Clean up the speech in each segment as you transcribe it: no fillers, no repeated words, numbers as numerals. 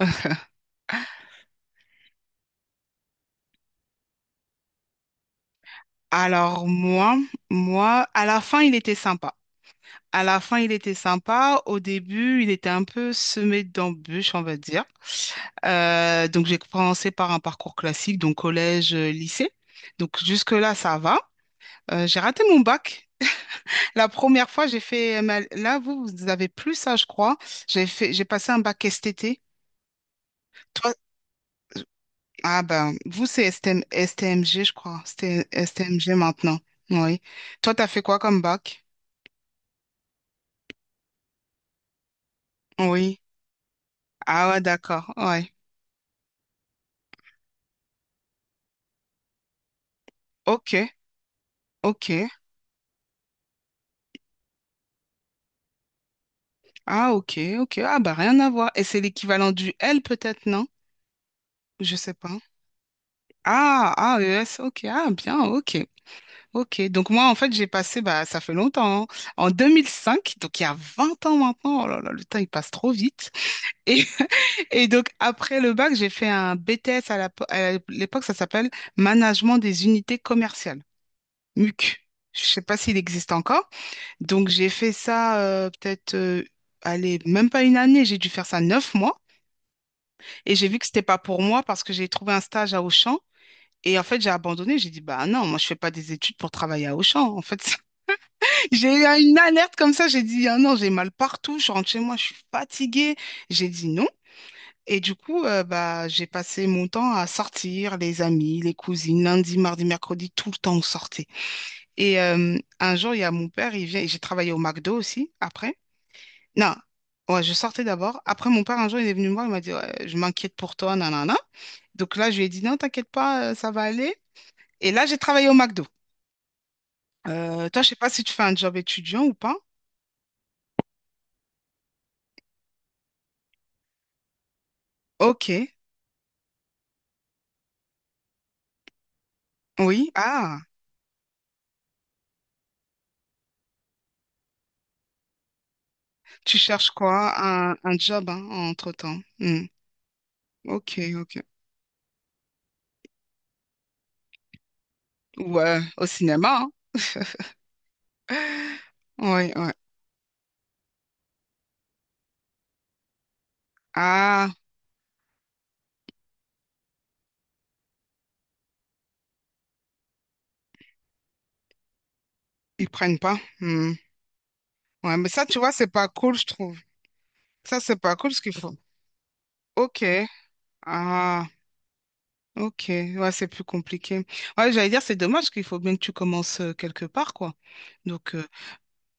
Alors moi, à la fin, il était sympa. À la fin, il était sympa. Au début, il était un peu semé d'embûches, on va dire. Donc j'ai commencé par un parcours classique, donc collège, lycée. Donc jusque-là, ça va. J'ai raté mon bac. La première fois, Là, vous avez plus ça, je crois. J'ai passé un bac STT. Toi. Ah ben, vous, c'est STM STMG, je crois. C'était STMG maintenant. Oui. Toi, t'as fait quoi comme bac? Oui. Ah ouais, d'accord. Ouais. OK. OK. Ah, OK. OK. Ah bah rien à voir. Et c'est l'équivalent du L peut-être, non? Je sais pas. ES, ok, ah, bien, ok, ok. Donc moi, en fait, j'ai passé, bah, ça fait longtemps, hein, en 2005, donc il y a 20 ans maintenant, oh là là, le temps, il passe trop vite. Et, et donc, après le bac, j'ai fait un BTS à l'époque, ça s'appelle Management des unités commerciales, MUC. Je sais pas s'il existe encore. Donc, j'ai fait ça peut-être, allez, même pas une année, j'ai dû faire ça neuf mois. Et j'ai vu que c'était pas pour moi parce que j'ai trouvé un stage à Auchan. Et en fait, j'ai abandonné. J'ai dit, bah non, moi, je fais pas des études pour travailler à Auchan. En fait, j'ai eu une alerte comme ça. J'ai dit, ah non, j'ai mal partout. Je rentre chez moi, je suis fatiguée. J'ai dit non. Et du coup, bah, j'ai passé mon temps à sortir, les amis, les cousines, lundi, mardi, mercredi, tout le temps on sortait. Et un jour, il y a mon père, il vient, j'ai travaillé au McDo aussi, après. Non, ouais, je sortais d'abord. Après, mon père, un jour, il est venu me voir, il m'a dit, ouais, je m'inquiète pour toi, nanana. Donc là, je lui ai dit, non, t'inquiète pas, ça va aller. Et là, j'ai travaillé au McDo. Toi, je sais pas si tu fais un job étudiant ou pas. Ok, oui. Ah, tu cherches quoi? Un job, hein, entre-temps. Hmm. Ok, ok. Ou au cinéma, hein. Oui, oui. Ah, ils prennent pas. Hmm. Ouais, mais ça, tu vois, c'est pas cool, je trouve. Ça, c'est pas cool ce qu'il faut. Ok. Ah, ok. Ouais, c'est plus compliqué. Ouais, j'allais dire, c'est dommage qu'il faut bien que tu commences quelque part, quoi. Donc, euh,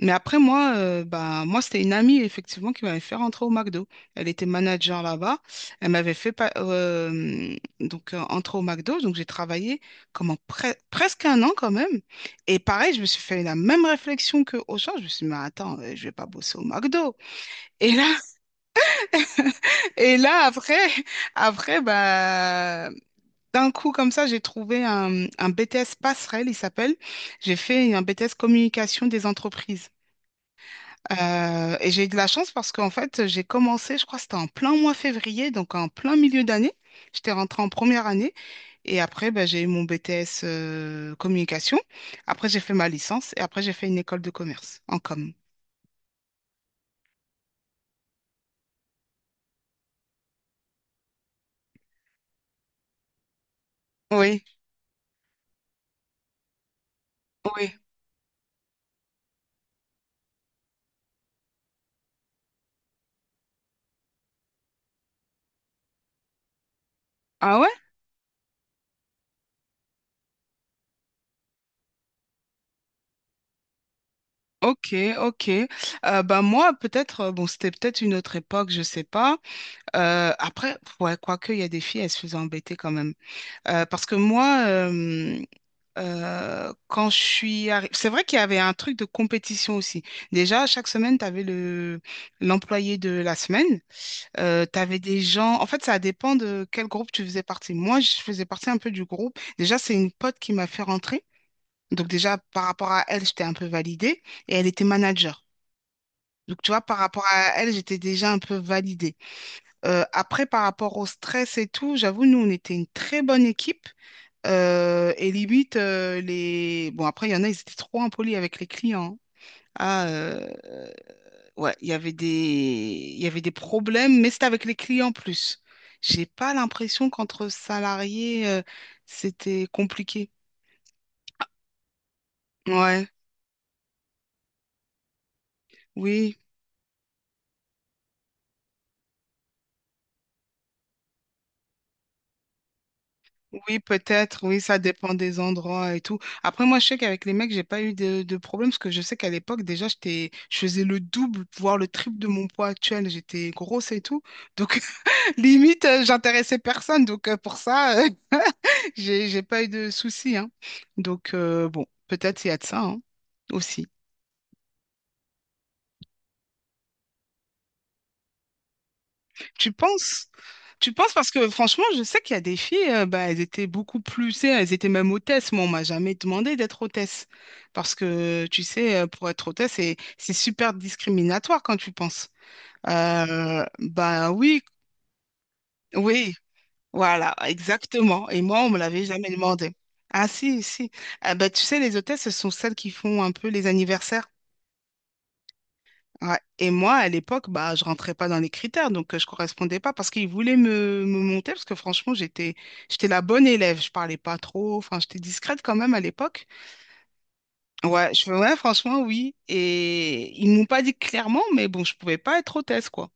Mais après, bah, moi c'était une amie, effectivement, qui m'avait fait rentrer au McDo. Elle était manager là-bas. Elle m'avait fait pa- donc, entrer au McDo. Donc, j'ai travaillé comment, presque un an quand même. Et pareil, je me suis fait la même réflexion que Auchan. Je me suis dit, mais attends, je vais pas bosser au McDo. Et là, et là après, après bah, d'un coup, comme ça, j'ai trouvé un BTS passerelle, il s'appelle. J'ai fait un BTS communication des entreprises. Et j'ai eu de la chance parce qu'en fait, j'ai commencé, je crois que c'était en plein mois février, donc en plein milieu d'année. J'étais rentrée en première année et après, ben, j'ai eu mon BTS communication. Après, j'ai fait ma licence et après, j'ai fait une école de commerce en com. Oui, oui. Ah ouais? Ok, ok. Ben moi, peut-être, bon, c'était peut-être une autre époque, je sais pas. Après, ouais, quoique, il y a des filles, elles se faisaient embêter quand même. Euh, parce que moi, euh, quand je suis arri- c'est vrai qu'il y avait un truc de compétition aussi. Déjà, chaque semaine, tu avais l'employé de la semaine. Tu avais des gens. En fait, ça dépend de quel groupe tu faisais partie. Moi, je faisais partie un peu du groupe. Déjà, c'est une pote qui m'a fait rentrer. Donc, déjà, par rapport à elle, j'étais un peu validée. Et elle était manager. Donc, tu vois, par rapport à elle, j'étais déjà un peu validée. Après, par rapport au stress et tout, j'avoue, nous, on était une très bonne équipe. Bon, après, il y en a, ils étaient trop impolis avec les clients. Ah, euh, ouais, il y avait des problèmes, mais c'était avec les clients plus. J'ai pas l'impression qu'entre salariés, c'était compliqué. Ouais, oui, oui, peut-être, oui, ça dépend des endroits et tout. Après, moi, je sais qu'avec les mecs, j'ai pas eu de problème parce que je sais qu'à l'époque, déjà, je faisais le double, voire le triple de mon poids actuel. J'étais grosse et tout. Donc, limite, j'intéressais personne, donc pour ça, j'ai pas eu de soucis, hein. Donc bon, peut-être il y a de ça, hein, aussi. Tu penses? Tu penses parce que franchement, je sais qu'il y a des filles, bah, elles étaient beaucoup plus, tu sais, elles étaient même hôtesses. Moi, on m'a jamais demandé d'être hôtesse parce que tu sais, pour être hôtesse, c'est super discriminatoire quand tu penses. Bah oui, oui. Voilà, exactement. Et moi, on me l'avait jamais demandé. Ah si, si. Ah, bah, tu sais, les hôtesses, ce sont celles qui font un peu les anniversaires. Ouais. Et moi, à l'époque, bah, je rentrais pas dans les critères, donc je correspondais pas parce qu'ils voulaient me monter, parce que franchement, j'étais la bonne élève. Je parlais pas trop, enfin, j'étais discrète quand même à l'époque. Ouais, je fais, ouais, franchement, oui. Et ils m'ont pas dit clairement, mais bon, je pouvais pas être hôtesse, quoi.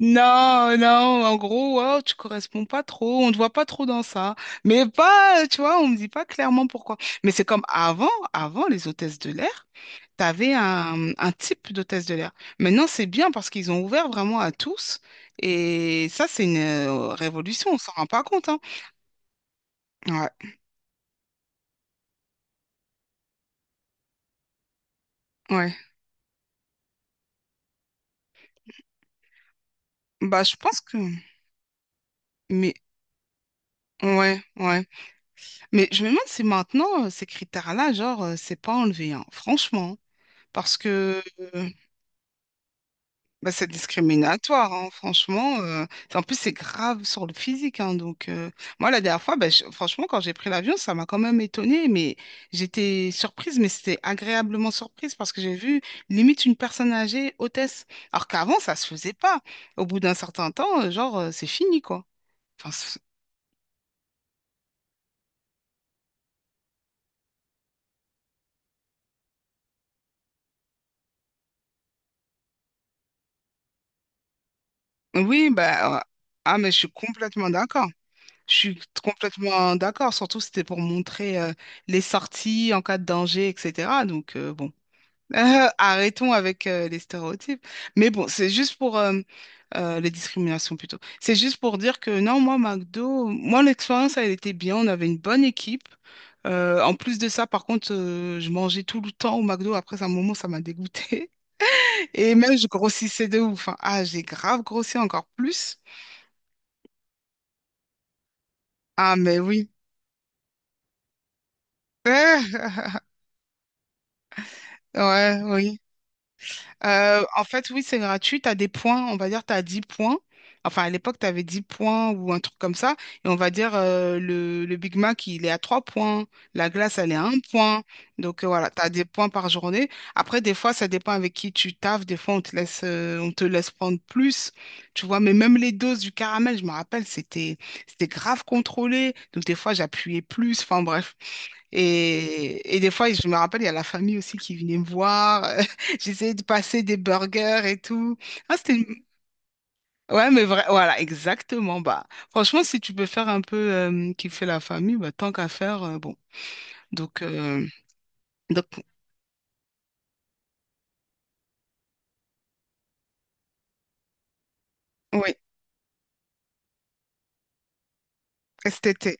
Non, non, en gros, wow, tu corresponds pas trop, on te voit pas trop dans ça. Mais pas, tu vois, on me dit pas clairement pourquoi. Mais c'est comme avant, avant les hôtesses de l'air, t'avais un type d'hôtesse de l'air. Maintenant, c'est bien parce qu'ils ont ouvert vraiment à tous. Et ça, c'est une révolution, on s'en rend pas compte, hein. Ouais, ouais. Bah, je pense que. Mais, ouais, ouais. Mais je me demande si maintenant, ces critères-là, genre, c'est pas enlevé, hein. Franchement. Parce que. euh, Bah, c'est discriminatoire, hein, franchement. En plus, c'est grave sur le physique. Hein, donc, moi, la dernière fois, bah, franchement, quand j'ai pris l'avion, ça m'a quand même étonnée. Mais j'étais surprise, mais c'était agréablement surprise parce que j'ai vu limite une personne âgée, hôtesse. Alors qu'avant, ça se faisait pas. Au bout d'un certain temps, genre, c'est fini, quoi. Enfin, c'est- oui, ah, mais je suis complètement d'accord. Je suis complètement d'accord. Surtout, c'était pour montrer les sorties en cas de danger, etc. Donc, bon. Arrêtons avec les stéréotypes. Mais bon, c'est juste pour les discriminations plutôt. C'est juste pour dire que non, moi, McDo, moi, l'expérience, elle était bien. On avait une bonne équipe. En plus de ça, par contre, je mangeais tout le temps au McDo. Après, à un moment, ça m'a dégoûté. Et même, je grossissais de ouf, hein. Ah, j'ai grave grossi encore plus. Ah, mais oui. Ouais, oui. En fait, oui, c'est gratuit. Tu as des points, on va dire, tu as 10 points. Enfin, à l'époque, tu avais 10 points ou un truc comme ça. Et on va dire, le Big Mac, il est à 3 points. La glace, elle est à 1 point. Donc, voilà, tu as des points par journée. Après, des fois, ça dépend avec qui tu taffes. Des fois, on te laisse prendre plus. Tu vois, mais même les doses du caramel, je me rappelle, c'était grave contrôlé. Donc, des fois, j'appuyais plus. Enfin, bref. Et des fois, je me rappelle, il y a la famille aussi qui venait me voir. J'essayais de passer des burgers et tout. Ah, c'était... une- Ouais, mais vrai, voilà, exactement. Bah, franchement, si tu peux faire un peu kiffer la famille, bah, tant qu'à faire, bon. Donc, euh, donc, oui, STT.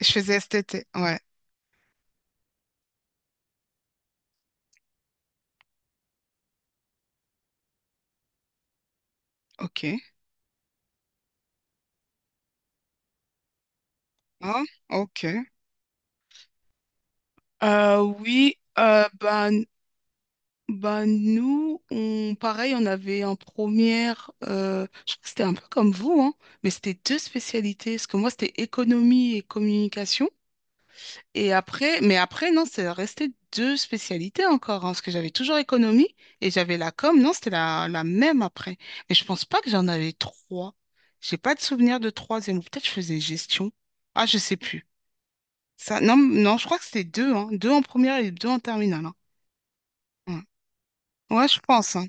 Je faisais STT, ouais. OK. Ah, OK. Euh, oui, euh, ben, Bah nous, on, pareil, on avait en première, je crois que c'était un peu comme vous, hein, mais c'était deux spécialités, parce que moi c'était économie et communication, et après, mais après non, c'est resté deux spécialités encore, hein, parce que j'avais toujours économie et j'avais la com, non, c'était la même après, mais je pense pas que j'en avais trois, j'ai pas de souvenir de troisième, ou peut-être je faisais gestion, ah je sais plus, ça, non, non, je crois que c'était deux, hein, deux en première et deux en terminale, hein. Ouais, ouais, je pense, hein.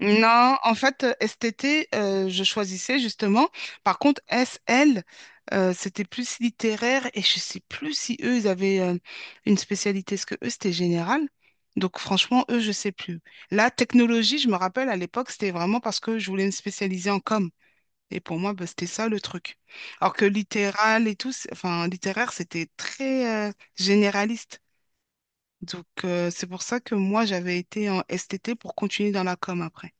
Non, en fait, STT, je choisissais justement. Par contre, SL, c'était plus littéraire et je sais plus si eux, ils avaient une spécialité. Est-ce que eux, c'était général? Donc, franchement, eux, je sais plus. La technologie, je me rappelle, à l'époque, c'était vraiment parce que je voulais me spécialiser en com. Et pour moi, bah, c'était ça le truc. Alors que littéral et tout, c'est- enfin, littéraire, c'était très généraliste. Donc, c'est pour ça que moi, j'avais été en STT pour continuer dans la com après.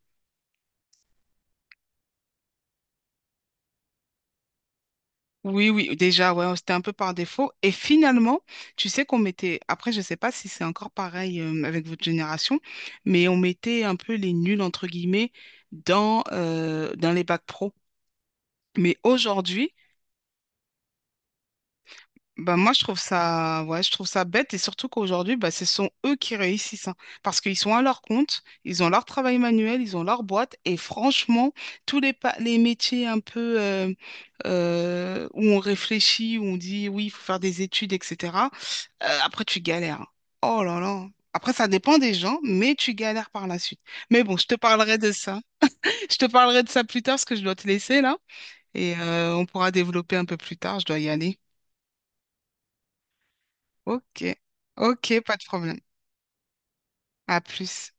Oui, oui, déjà, ouais, c'était un peu par défaut. Et finalement, tu sais qu'on mettait, après, je sais pas si c'est encore pareil avec votre génération, mais on mettait un peu les nuls, entre guillemets, dans, dans les bacs pro. Mais aujourd'hui, bah moi je trouve ça ouais je trouve ça bête et surtout qu'aujourd'hui bah ce sont eux qui réussissent, hein. Parce qu'ils sont à leur compte, ils ont leur travail manuel, ils ont leur boîte et franchement les métiers un peu où on réfléchit, où on dit oui il faut faire des études, etc. Après tu galères, hein. Oh là là, après ça dépend des gens mais tu galères par la suite, mais bon je te parlerai de ça plus tard parce que je dois te laisser là et on pourra développer un peu plus tard, je dois y aller. Ok, ok, pas de problème. À plus.